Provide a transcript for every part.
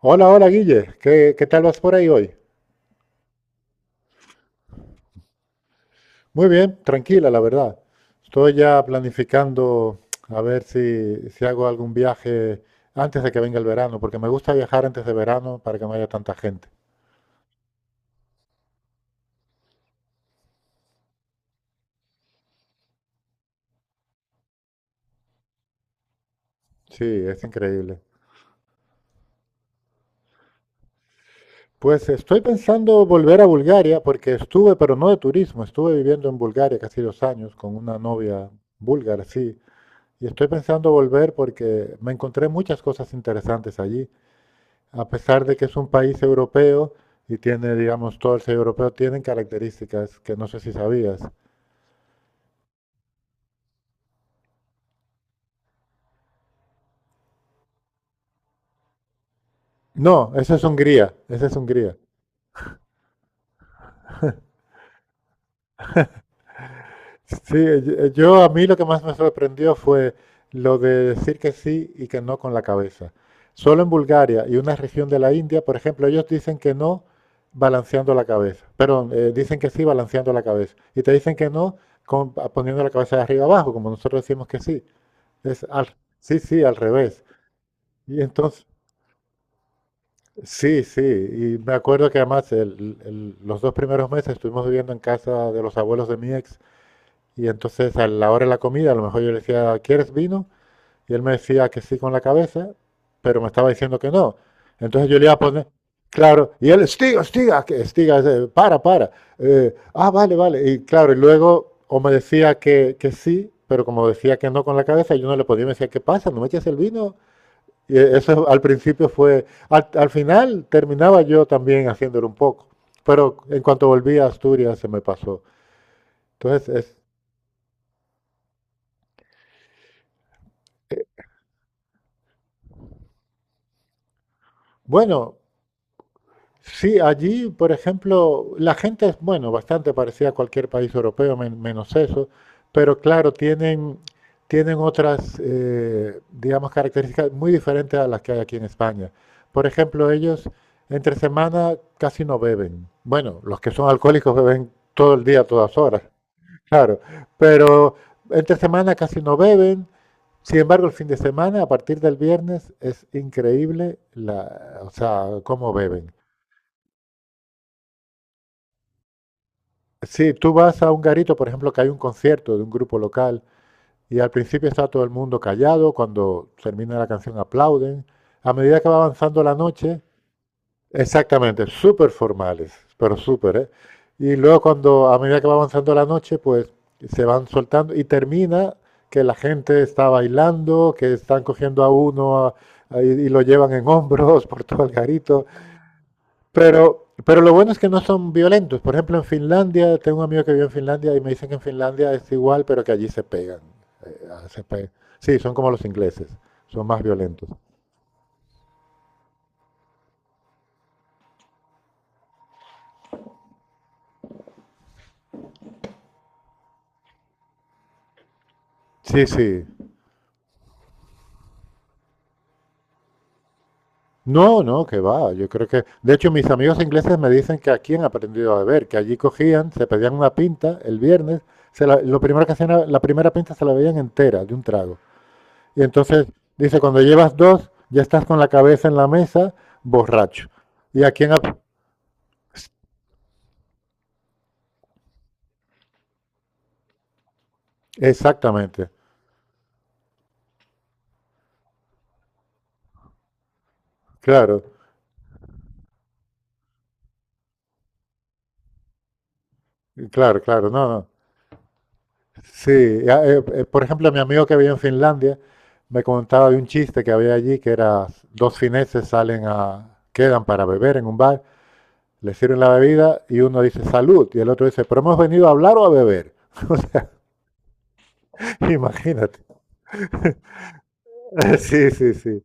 Hola, hola Guille, ¿qué, qué tal vas por ahí hoy? Muy bien, tranquila, la verdad. Estoy ya planificando a ver si hago algún viaje antes de que venga el verano, porque me gusta viajar antes de verano para que no haya tanta gente. Sí, es increíble. Pues estoy pensando volver a Bulgaria, porque estuve, pero no de turismo, estuve viviendo en Bulgaria casi 2 años con una novia búlgara, sí. Y estoy pensando volver porque me encontré muchas cosas interesantes allí. A pesar de que es un país europeo y tiene, digamos, todo el ser europeo, tienen características que no sé si sabías. No, esa es Hungría, esa es Hungría. Sí, a mí lo que más me sorprendió fue lo de decir que sí y que no con la cabeza. Solo en Bulgaria y una región de la India, por ejemplo, ellos dicen que no balanceando la cabeza. Perdón, dicen que sí balanceando la cabeza. Y te dicen que no poniendo la cabeza de arriba abajo, como nosotros decimos que sí. Es al, sí, sí, al revés. Y entonces, sí, sí, y me acuerdo que además los 2 primeros meses estuvimos viviendo en casa de los abuelos de mi ex y entonces a la hora de la comida a lo mejor yo le decía, ¿quieres vino? Y él me decía que sí con la cabeza, pero me estaba diciendo que no. Entonces yo le iba a poner, claro, y él, estiga, estiga, estiga, para, para. Vale, vale. Y claro, y luego o me decía que sí, pero como decía que no con la cabeza, yo no le podía, me decía, ¿qué pasa? ¿No me echas el vino? Y eso al principio fue, al, al final terminaba yo también haciéndolo un poco, pero en cuanto volví a Asturias se me pasó. Entonces, es, bueno, sí, allí, por ejemplo, la gente es, bueno, bastante parecida a cualquier país europeo, menos eso, pero claro, tienen otras, digamos, características muy diferentes a las que hay aquí en España. Por ejemplo, ellos entre semana casi no beben. Bueno, los que son alcohólicos beben todo el día, todas horas. Claro, pero entre semana casi no beben. Sin embargo, el fin de semana, a partir del viernes, es increíble la, o sea, cómo beben. Si tú vas a un garito, por ejemplo, que hay un concierto de un grupo local y al principio está todo el mundo callado, cuando termina la canción aplauden. A medida que va avanzando la noche, exactamente, súper formales, pero súper, ¿eh? Y luego cuando, a medida que va avanzando la noche, pues se van soltando y termina que la gente está bailando, que están cogiendo a uno y lo llevan en hombros por todo el garito. Pero lo bueno es que no son violentos. Por ejemplo, en Finlandia, tengo un amigo que vive en Finlandia y me dicen que en Finlandia es igual, pero que allí se pegan. eh, ah, se pe- Sí, son como los ingleses, son más violentos. Sí, sí. No, no, que va. Yo creo que, de hecho, mis amigos ingleses me dicen que aquí han aprendido a beber, que allí cogían, se pedían una pinta el viernes, lo primero que hacían, la primera pinta se la veían entera de un trago. Y entonces dice, cuando llevas dos, ya estás con la cabeza en la mesa, borracho. Y aquí exactamente, claro, claro, claro, no, no. Sí, ya, por ejemplo, mi amigo que había en Finlandia me contaba de un chiste que había allí, que era dos fineses salen a, quedan para beber en un bar. Le sirven la bebida y uno dice salud y el otro dice, pero hemos venido a hablar o a beber. Imagínate. Sí, sí, sí.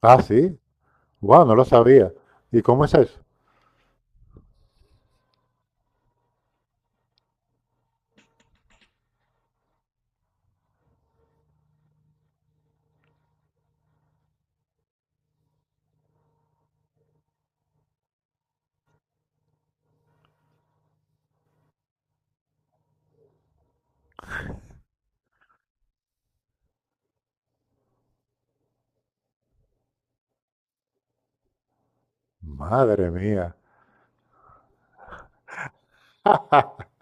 Ah, sí. Wow, no lo sabía. ¿Y cómo es eso? Madre mía.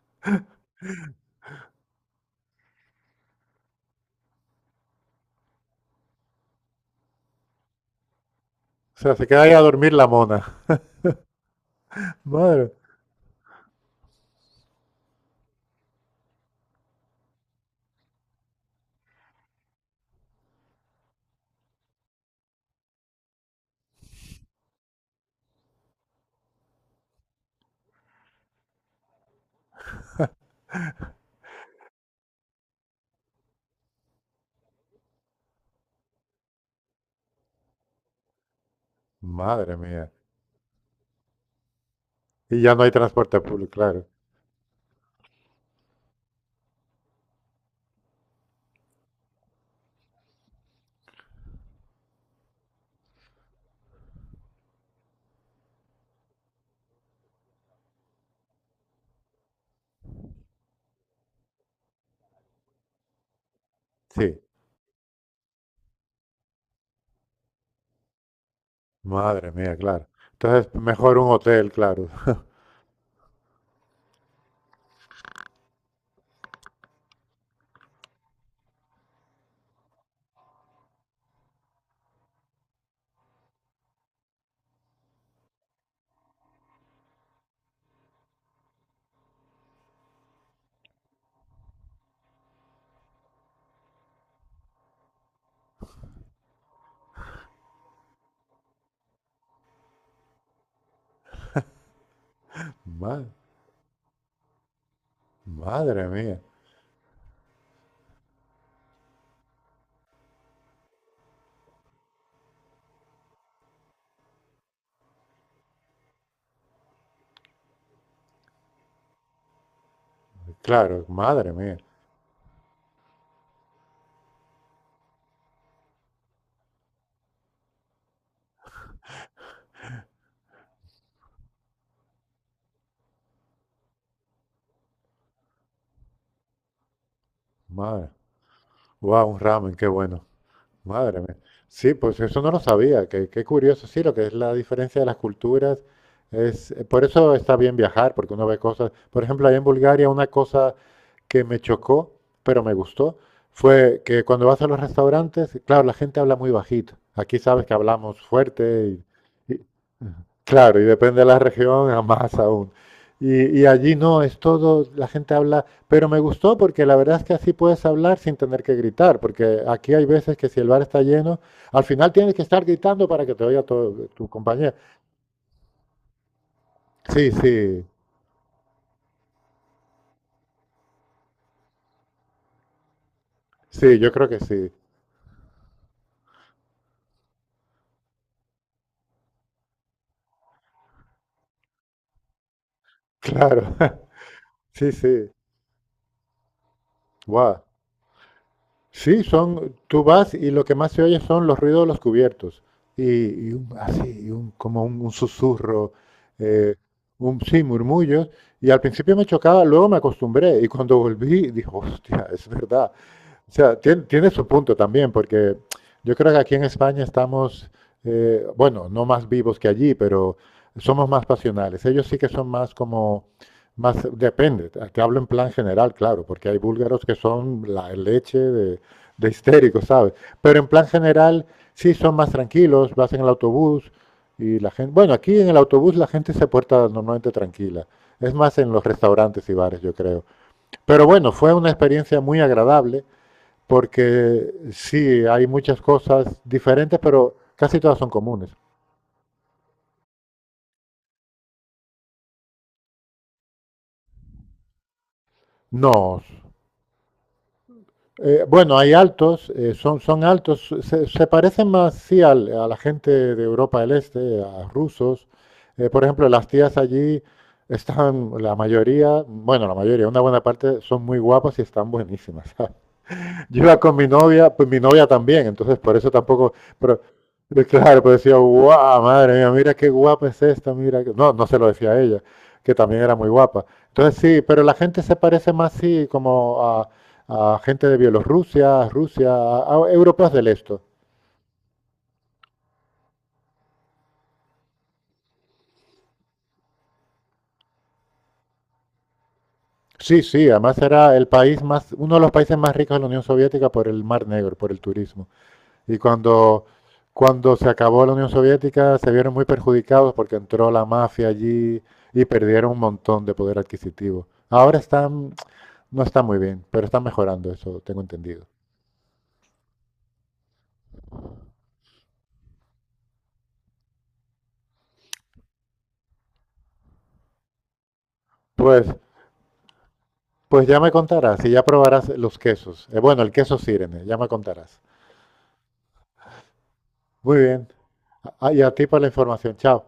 O sea, se queda ahí a dormir la mona. Madre, madre mía. Y ya no hay transporte público, claro. Sí, madre mía, claro. Entonces, mejor un hotel, claro. Madre, madre mía. Claro, madre mía. Madre. Wow, un ramen, qué bueno. Madre mía. Sí, pues eso no lo sabía. Qué, qué curioso. Sí, lo que es la diferencia de las culturas es... por eso está bien viajar, porque uno ve cosas... Por ejemplo, allá en Bulgaria una cosa que me chocó, pero me gustó, fue que cuando vas a los restaurantes, claro, la gente habla muy bajito. Aquí sabes que hablamos fuerte. Claro, y depende de la región, a más aún. Y allí no, es todo, la gente habla, pero me gustó porque la verdad es que así puedes hablar sin tener que gritar, porque aquí hay veces que si el bar está lleno, al final tienes que estar gritando para que te oiga tu compañero. Sí, sí, sí, yo creo que sí, claro, sí, sí, guau. Sí, son, tú vas y lo que más se oye son los ruidos de los cubiertos. Y un, así, como un susurro, eh, sí, murmullos. Y al principio me chocaba, luego me acostumbré. Y cuando volví, dije, hostia, es verdad. O sea, tiene, tiene su punto también, porque yo creo que aquí en España estamos, bueno, no más vivos que allí, pero somos más pasionales. Ellos sí que son más como, más, depende, te hablo en plan general, claro, porque hay búlgaros que son la leche de histéricos, ¿sabes? Pero en plan general sí son más tranquilos, vas en el autobús y la gente, bueno, aquí en el autobús la gente se porta normalmente tranquila. Es más en los restaurantes y bares, yo creo. Pero bueno, fue una experiencia muy agradable porque sí, hay muchas cosas diferentes, pero casi todas son comunes. No. Bueno, hay altos, son, son altos, se parecen más sí, a la gente de Europa del Este, a rusos. Por ejemplo, las tías allí están, la mayoría, bueno, la mayoría, una buena parte, son muy guapas y están buenísimas. Yo iba con mi novia, pues mi novia también, entonces por eso tampoco, pero claro, pues decía, guau, madre mía, mira qué guapa es esta, mira, que-". No, no se lo decía a ella, que también era muy guapa. Entonces sí, pero la gente se parece más, sí, como a gente de Bielorrusia, Rusia, a europeos del este. Sí, sí, además era el país más, uno de los países más ricos de la Unión Soviética por el Mar Negro, por el turismo. Y cuando, cuando se acabó la Unión Soviética se vieron muy perjudicados porque entró la mafia allí y perdieron un montón de poder adquisitivo. Ahora están, no está muy bien, pero están mejorando eso, tengo entendido. Pues, pues ya me contarás y ya probarás los quesos. Bueno, el queso Sirene, ya me contarás. Muy bien. Ah, y a ti por la información. Chao.